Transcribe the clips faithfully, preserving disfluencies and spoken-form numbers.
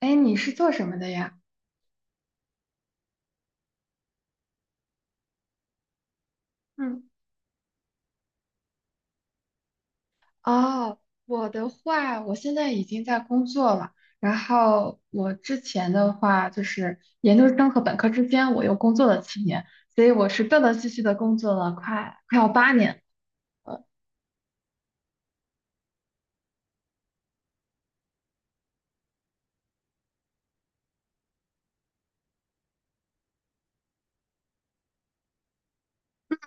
哎，你是做什么的呀？嗯。哦，我的话，我现在已经在工作了。然后我之前的话，就是研究生和本科之间，我又工作了七年，所以我是断断续续的工作了快快要八年。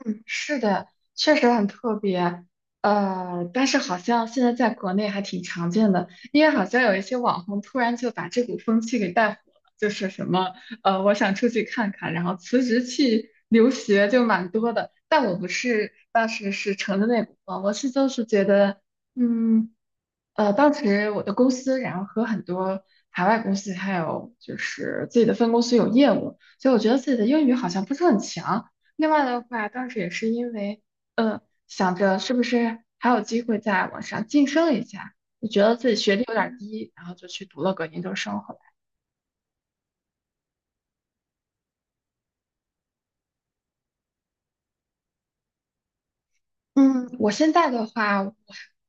嗯，是的，确实很特别。呃，但是好像现在在国内还挺常见的，因为好像有一些网红突然就把这股风气给带火了，就是什么，呃，我想出去看看，然后辞职去留学就蛮多的，但我不是当时是乘着那股风，我是就是觉得，嗯。呃，当时我的公司，然后和很多海外公司，还有就是自己的分公司有业务，所以我觉得自己的英语好像不是很强。另外的话，当时也是因为，呃，想着是不是还有机会再往上晋升一下，就觉得自己学历有点低，然后就去读了个研究生。嗯，我现在的话，我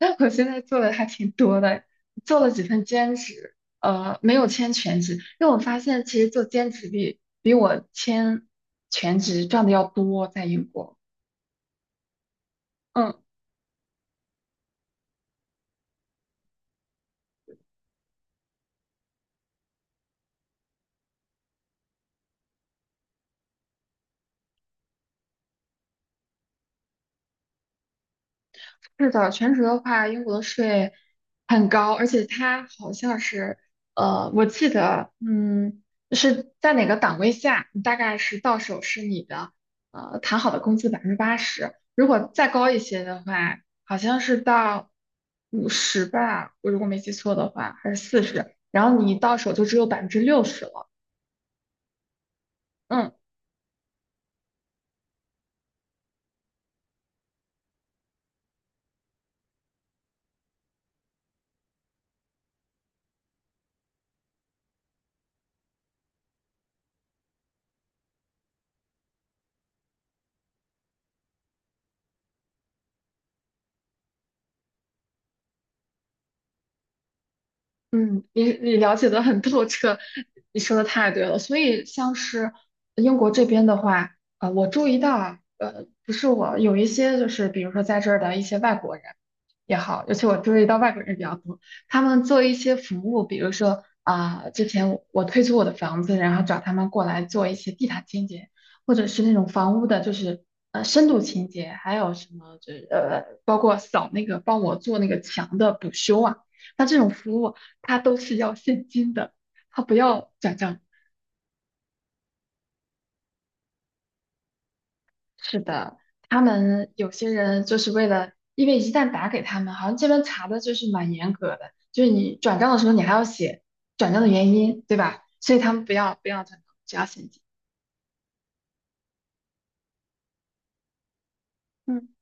我现在做的还挺多的，做了几份兼职，呃，没有签全职，因为我发现其实做兼职比比我签全职赚的要多，在英国。嗯。是的，全职的话，英国的税很高，而且它好像是，呃，我记得，嗯，是在哪个档位下，你大概是到手是你的，呃，谈好的工资百分之八十，如果再高一些的话，好像是到五十吧，我如果没记错的话，还是四十，然后你到手就只有百分之六十了。嗯。嗯，你你了解的很透彻，你说的太对了。所以像是英国这边的话，呃，我注意到啊，呃，不是我有一些就是比如说在这儿的一些外国人也好，尤其我注意到外国人比较多，他们做一些服务，比如说啊、之前我我退租我的房子，然后找他们过来做一些地毯清洁，或者是那种房屋的，就是呃深度清洁，还有什么就是呃，包括扫那个帮我做那个墙的补修啊。那这种服务。他都是要现金的，他不要转账。是的，他们有些人就是为了，因为一旦打给他们，好像这边查的就是蛮严格的，就是你转账的时候你还要写转账的原因，对吧？所以他们不要不要转账，只要现金。嗯，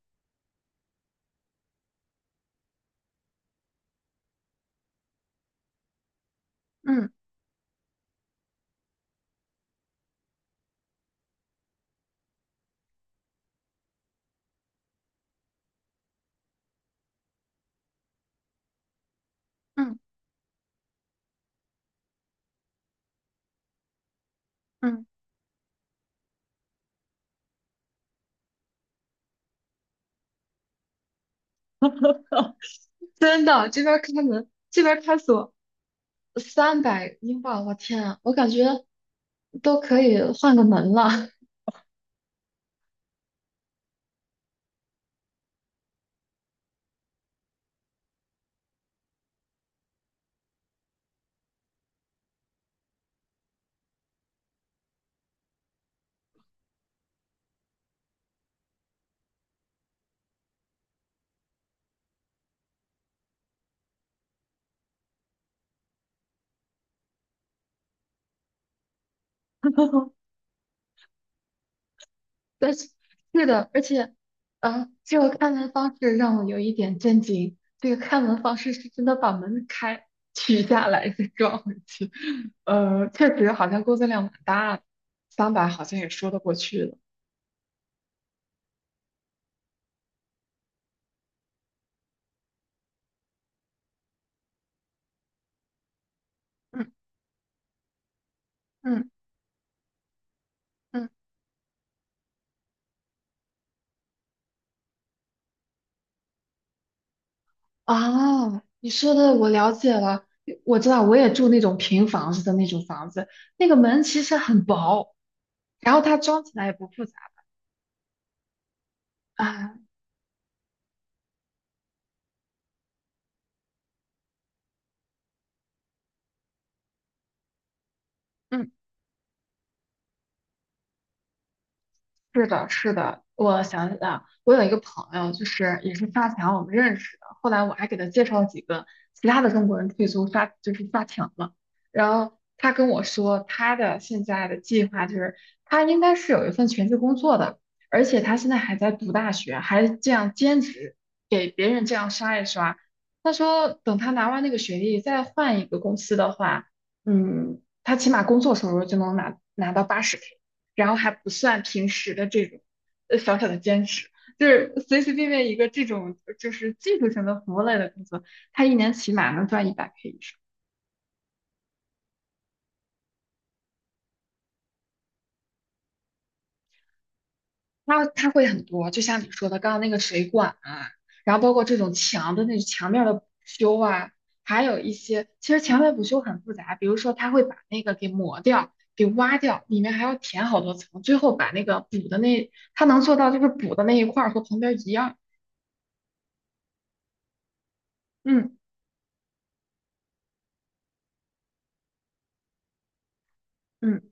嗯，嗯，嗯。真的，这边开门，这边开锁，三百英镑，我天啊，我感觉都可以换个门了。但是 是的，而且，呃，这个开门方式让我有一点震惊。这个开门方式是真的把门开取下来再装回去。呃，确实好像工作量蛮大的，三百好像也说得过去了。嗯，嗯，嗯。啊，你说的我了解了，我知道，我也住那种平房子的那种房子，那个门其实很薄，然后它装起来也不复杂啊。嗯，是的，是的，我想起来了，我有一个朋友，就是也是发卡我们认识的，后来我还给他介绍几个其他的中国人退租发，就是发卡嘛。然后他跟我说，他的现在的计划就是他应该是有一份全职工作的，而且他现在还在读大学，还这样兼职给别人这样刷一刷。他说，等他拿完那个学历，再换一个公司的话，嗯，他起码工作收入就能拿拿到八十 K。然后还不算平时的这种呃小小的兼职，就是随随便便一个这种就是技术型的服务类的工作，他一年起码能赚一百 K 以上。他他会很多，就像你说的，刚刚那个水管啊，然后包括这种墙的那墙面的补修啊，还有一些其实墙面补修很复杂，比如说他会把那个给磨掉。给挖掉，里面还要填好多层，最后把那个补的那，他能做到就是补的那一块儿和旁边一样。嗯，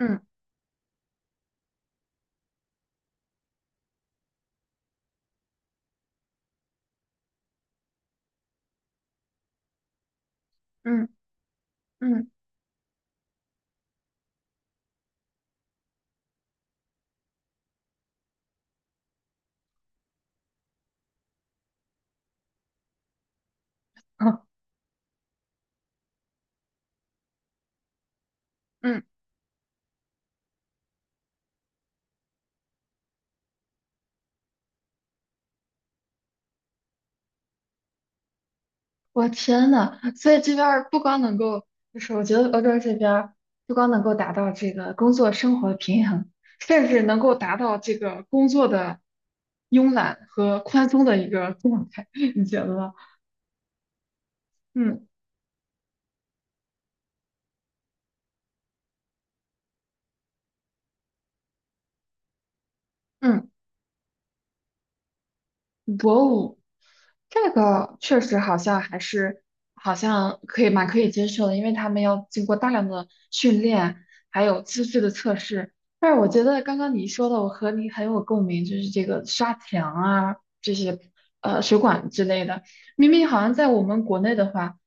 嗯，嗯，嗯，嗯，嗯。嗯。嗯，我天呐，所以这边儿不光能够，就是我觉得欧洲这边儿不光能够达到这个工作生活平衡，甚至能够达到这个工作的慵懒和宽松的一个状态，你觉得吗？嗯。嗯。博物，这个确实好像还是好像可以蛮可以接受的，因为他们要经过大量的训练，还有资质的测试。但是我觉得刚刚你说的，我和你很有共鸣，就是这个刷墙啊，这些呃水管之类的，明明好像在我们国内的话，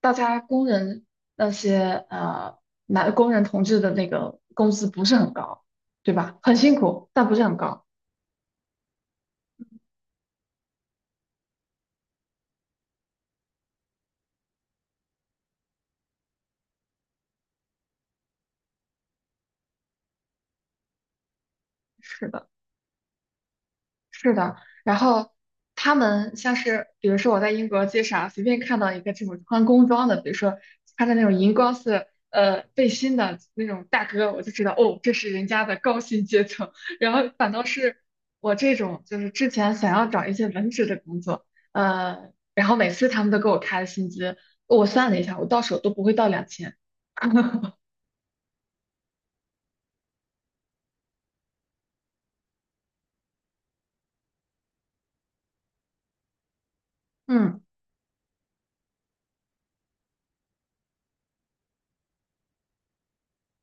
大家工人那些呃男工人同志的那个工资不是很高，对吧？很辛苦，但不是很高。是的。是的，然后他们像是，比如说我在英国街上随便看到一个这种穿工装的，比如说穿着那种荧光色呃背心的那种大哥，我就知道哦，这是人家的高薪阶层。然后反倒是我这种，就是之前想要找一些文职的工作，呃，然后每次他们都给我开的薪资，我算了一下，我到手都不会到两千。嗯。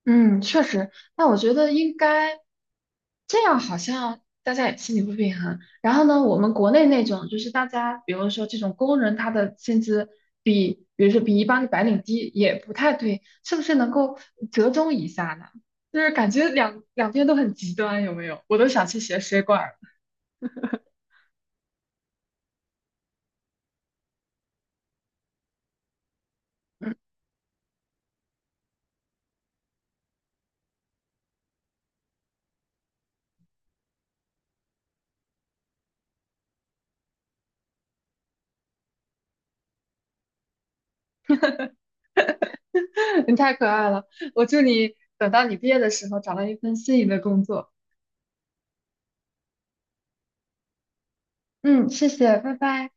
嗯，确实，那我觉得应该这样，好像大家也心里不平衡。然后呢，我们国内那种就是大家，比如说这种工人，他的薪资比，比如说比一般的白领低，也不太对，是不是能够折中一下呢？就是感觉两两边都很极端，有没有？我都想去学水管儿了。 你太可爱了。我祝你等到你毕业的时候找到一份心仪的工作。嗯，谢谢，拜拜。